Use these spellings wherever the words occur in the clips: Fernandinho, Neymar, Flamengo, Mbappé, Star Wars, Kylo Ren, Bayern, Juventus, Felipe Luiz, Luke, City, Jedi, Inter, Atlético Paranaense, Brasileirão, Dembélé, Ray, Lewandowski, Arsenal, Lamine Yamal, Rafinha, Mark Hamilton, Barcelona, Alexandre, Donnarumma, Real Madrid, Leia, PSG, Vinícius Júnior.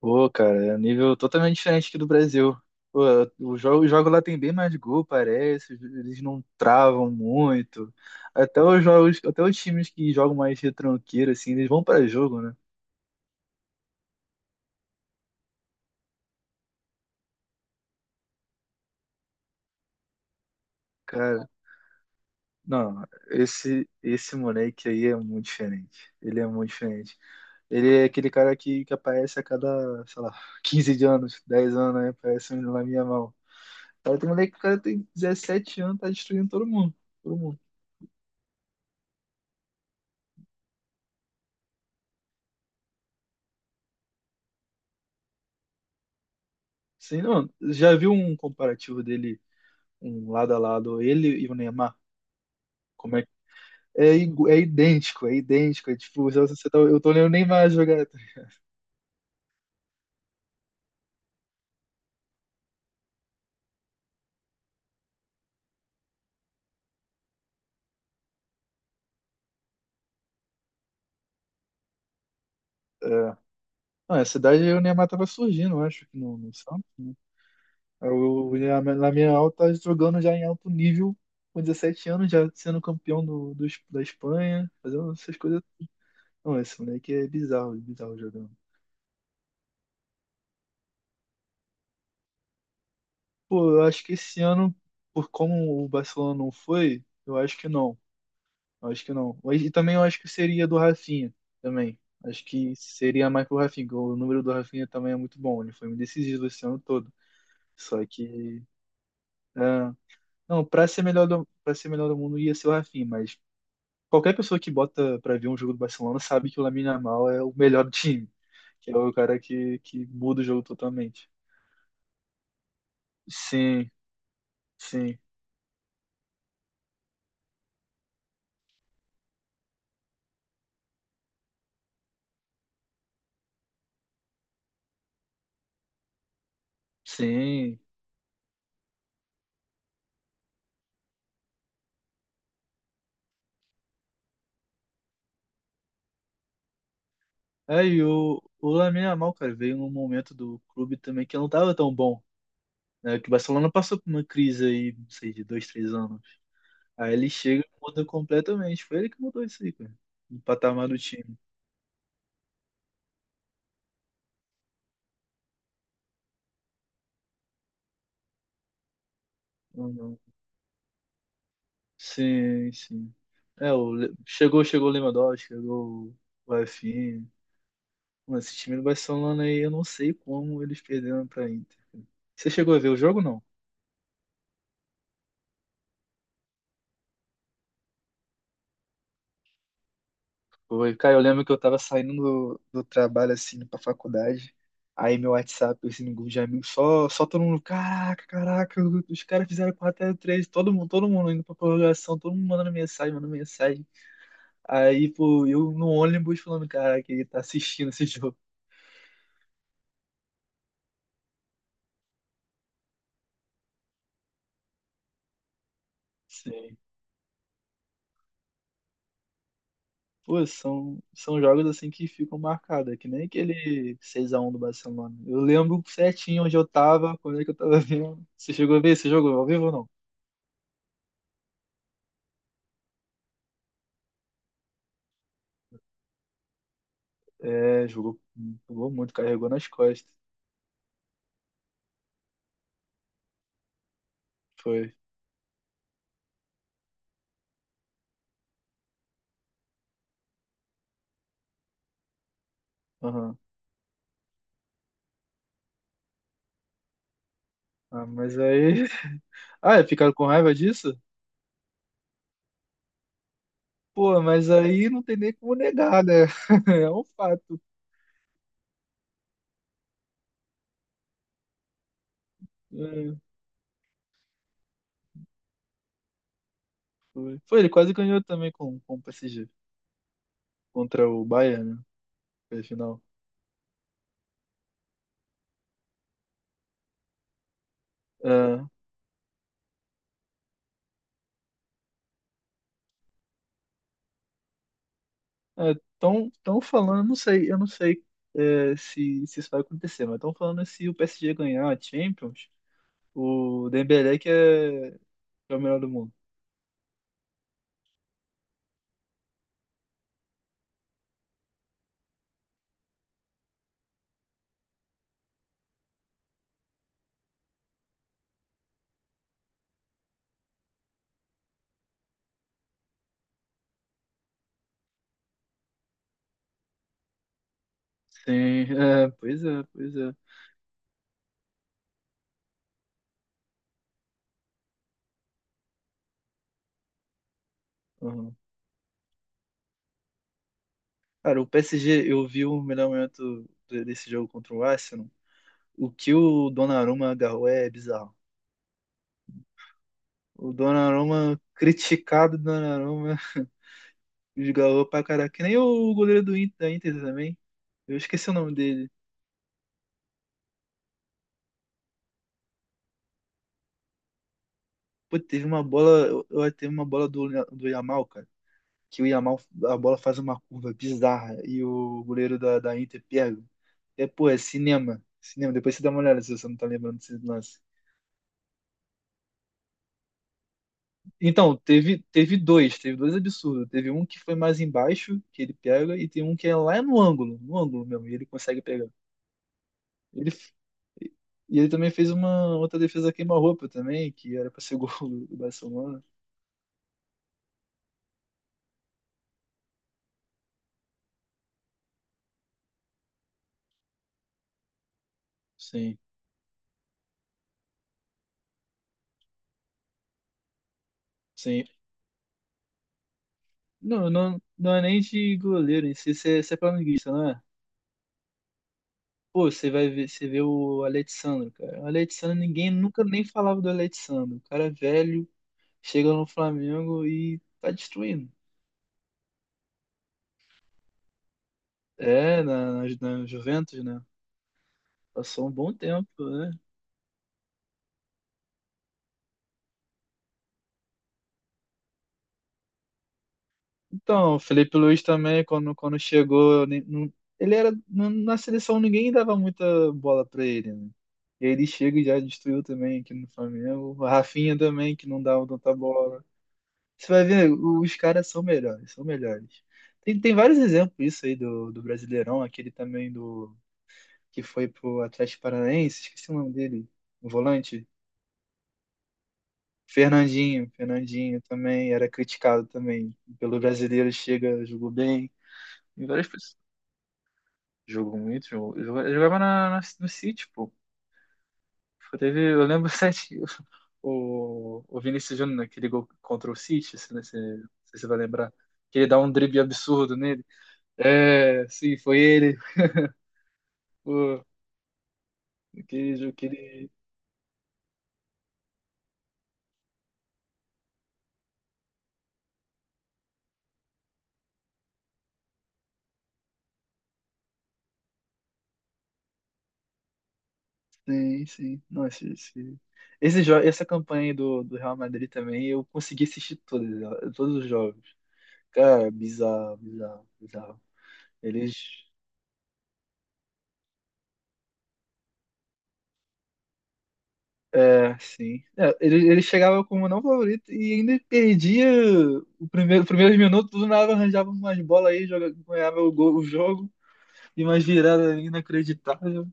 Pô, cara, é um nível totalmente diferente aqui do Brasil. Pô, o jogo lá tem bem mais gol, parece. Eles não travam muito. Até os times que jogam mais retranqueiro, assim, eles vão pra jogo, né? Cara, não, esse moleque aí é muito diferente. Ele é muito diferente. Ele é aquele cara que aparece a cada, sei lá, 15 de anos, 10 anos, né? Aparece um na minha mão. Cara, tem moleque que o cara tem 17 anos, tá destruindo todo mundo. Todo mundo. Sim, não, já viu um comparativo dele, um lado a lado, ele e o Neymar? Como é que. É, é idêntico, é idêntico. É tipo, eu tô olhando o Neymar jogar, tá? É, não, essa idade aí o Neymar tava surgindo, eu acho, que no Santos, né? Aí o Lamine tá jogando já em alto nível, com 17 anos, já sendo campeão da Espanha, fazendo essas coisas. Não, esse moleque é bizarro, bizarro jogando. Pô, eu acho que esse ano, por como o Barcelona não foi, eu acho que não. Eu acho que não. E também eu acho que seria do Rafinha também. Acho que seria mais pro Rafinha, porque o número do Rafinha também é muito bom. Ele foi muito decisivo esse ano todo. Só que. É, não, pra ser melhor do mundo ia ser o Rafinha, mas qualquer pessoa que bota pra ver um jogo do Barcelona sabe que o Lamine Yamal é o melhor do time. Que é o cara que muda o jogo totalmente. Sim, sim, sim. É, e o Lamine Yamal, cara, veio num momento do clube também que não tava tão bom, né, que o Barcelona passou por uma crise aí, não sei, de 2, 3 anos. Aí ele chega e muda completamente. Foi ele que mudou isso aí, cara. O patamar do time. Não, não. Sim, sim. É, chegou o Lewandowski, chegou o Rafinha. Mano, esse time do Barcelona aí, eu não sei como eles perderam pra Inter, cara. Você chegou a ver o jogo, não? Foi, cara, eu lembro que eu tava saindo do trabalho, assim, pra faculdade, aí meu WhatsApp, assim, no grupo de amigos, só todo mundo, caraca, caraca, os caras fizeram 4-3, todo mundo indo pra prorrogação, todo mundo mandando mensagem, mandando mensagem. Aí, pô, eu no ônibus falando, caraca, ele tá assistindo esse jogo. Sim. Pô, são jogos, assim, que ficam marcados, é que nem aquele 6-1 do Barcelona. Eu lembro certinho onde eu tava, quando é que eu tava vendo. Você chegou a ver esse jogo ao vivo ou não? É, jogou, jogou muito, carregou nas costas. Foi. Aham. Ah, mas aí. Ah, é, ficaram com raiva disso? Pô, mas aí não tem nem como negar, né? É um fato. É, foi. Foi, ele quase ganhou também com o PSG. Contra o Bayern, né? Foi final. É, estão tão, falando, não sei, eu não sei é, se isso vai acontecer, mas estão falando se o PSG ganhar a Champions, o Dembélé que é o melhor do mundo. Sim, é, pois é, pois é. Cara, o PSG, eu vi o melhor momento desse jogo contra o Arsenal. O que o Donnarumma agarrou é bizarro. O Donnarumma, criticado Donnarumma, desgarrou pra caraca. Que nem o goleiro do Inter, da Inter também. Eu esqueci o nome dele. Pô, teve uma bola, teve uma bola do Yamal, cara. Que o Yamal, a bola faz uma curva bizarra e o goleiro da Inter pega. É, pô, é cinema. Cinema. Depois você dá uma olhada se você não tá lembrando desse lance. Então, teve dois absurdos. Teve um que foi mais embaixo, que ele pega, e tem um que é lá no ângulo, no ângulo mesmo, e ele consegue pegar. Ele, e ele também fez uma outra defesa queima-roupa também, que era pra ser gol do Barcelona. Sim, sim. Não, não, não é nem de goleiro, você é flamenguista, não é? Pô, você vai ver, você vê o Alexandre, cara. O Alexandre, ninguém nunca nem falava do Alexandre. O cara é velho, chega no Flamengo e tá destruindo. É, na Juventus, né? Passou um bom tempo, né? Então, o Felipe Luiz também, quando chegou, eu nem- não- ele era. Não- na seleção ninguém dava muita bola pra ele, né? E aí ele chega e já destruiu também aqui no Flamengo. O Rafinha também, que não dava tanta bola. Você vai ver, os caras são melhores, são melhores. Tem vários exemplos isso aí do Brasileirão, aquele também do que foi pro Atlético Paranaense, esqueci o nome dele, o volante. Fernandinho, Fernandinho também era criticado também pelo brasileiro, chega, jogou bem. E várias pessoas jogou muito, jogou, jogava, jogava no City, pô. Eu lembro sete, o Vinícius Júnior naquele gol contra o City, se, né, se você vai lembrar, que ele dá um drible absurdo nele. É, sim, foi ele. Pô, aquele, jogo aquele. Sim, sim. Nossa, essa campanha aí do Real Madrid também, eu consegui assistir todas, todos os jogos. Cara, bizarro, bizarro, bizarro. Eles. É, sim. É, ele chegava como não favorito e ainda perdia os primeiros minutos, do nada arranjava umas bolas aí, ganhava o jogo e umas viradas inacreditáveis.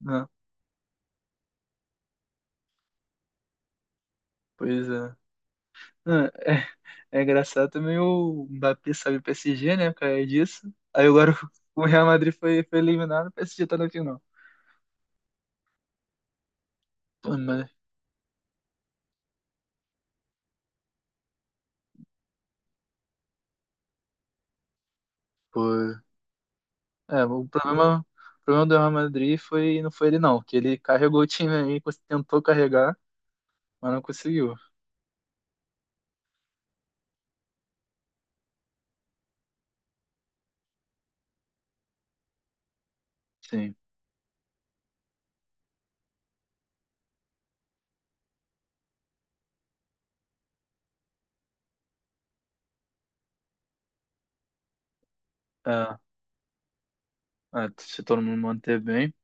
Não, pois é. Não, é. É engraçado também o Mbappé sabe o PSG, né? Por causa disso. Aí agora o Real Madrid foi, eliminado, o PSG tá na final. Pô, mas, pô, é, o problema do Real Madrid foi, não foi ele não, que ele carregou o time aí, tentou carregar, mas não conseguiu. Sim, é, é, se todo mundo manter bem.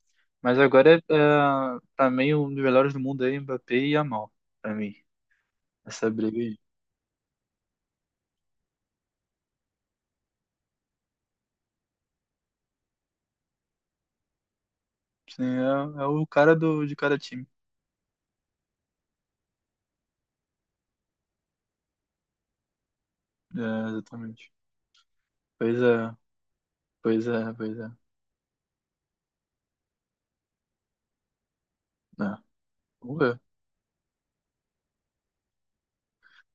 Mas agora é, pra mim, um dos melhores do mundo aí, Mbappé e Yamal, pra mim. Essa briga aí. Sim, é o cara de cada time. É, exatamente. Pois é, pois é, pois é. É, vamos ver.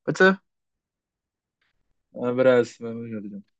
Pode ser. Um abraço, vamos junto.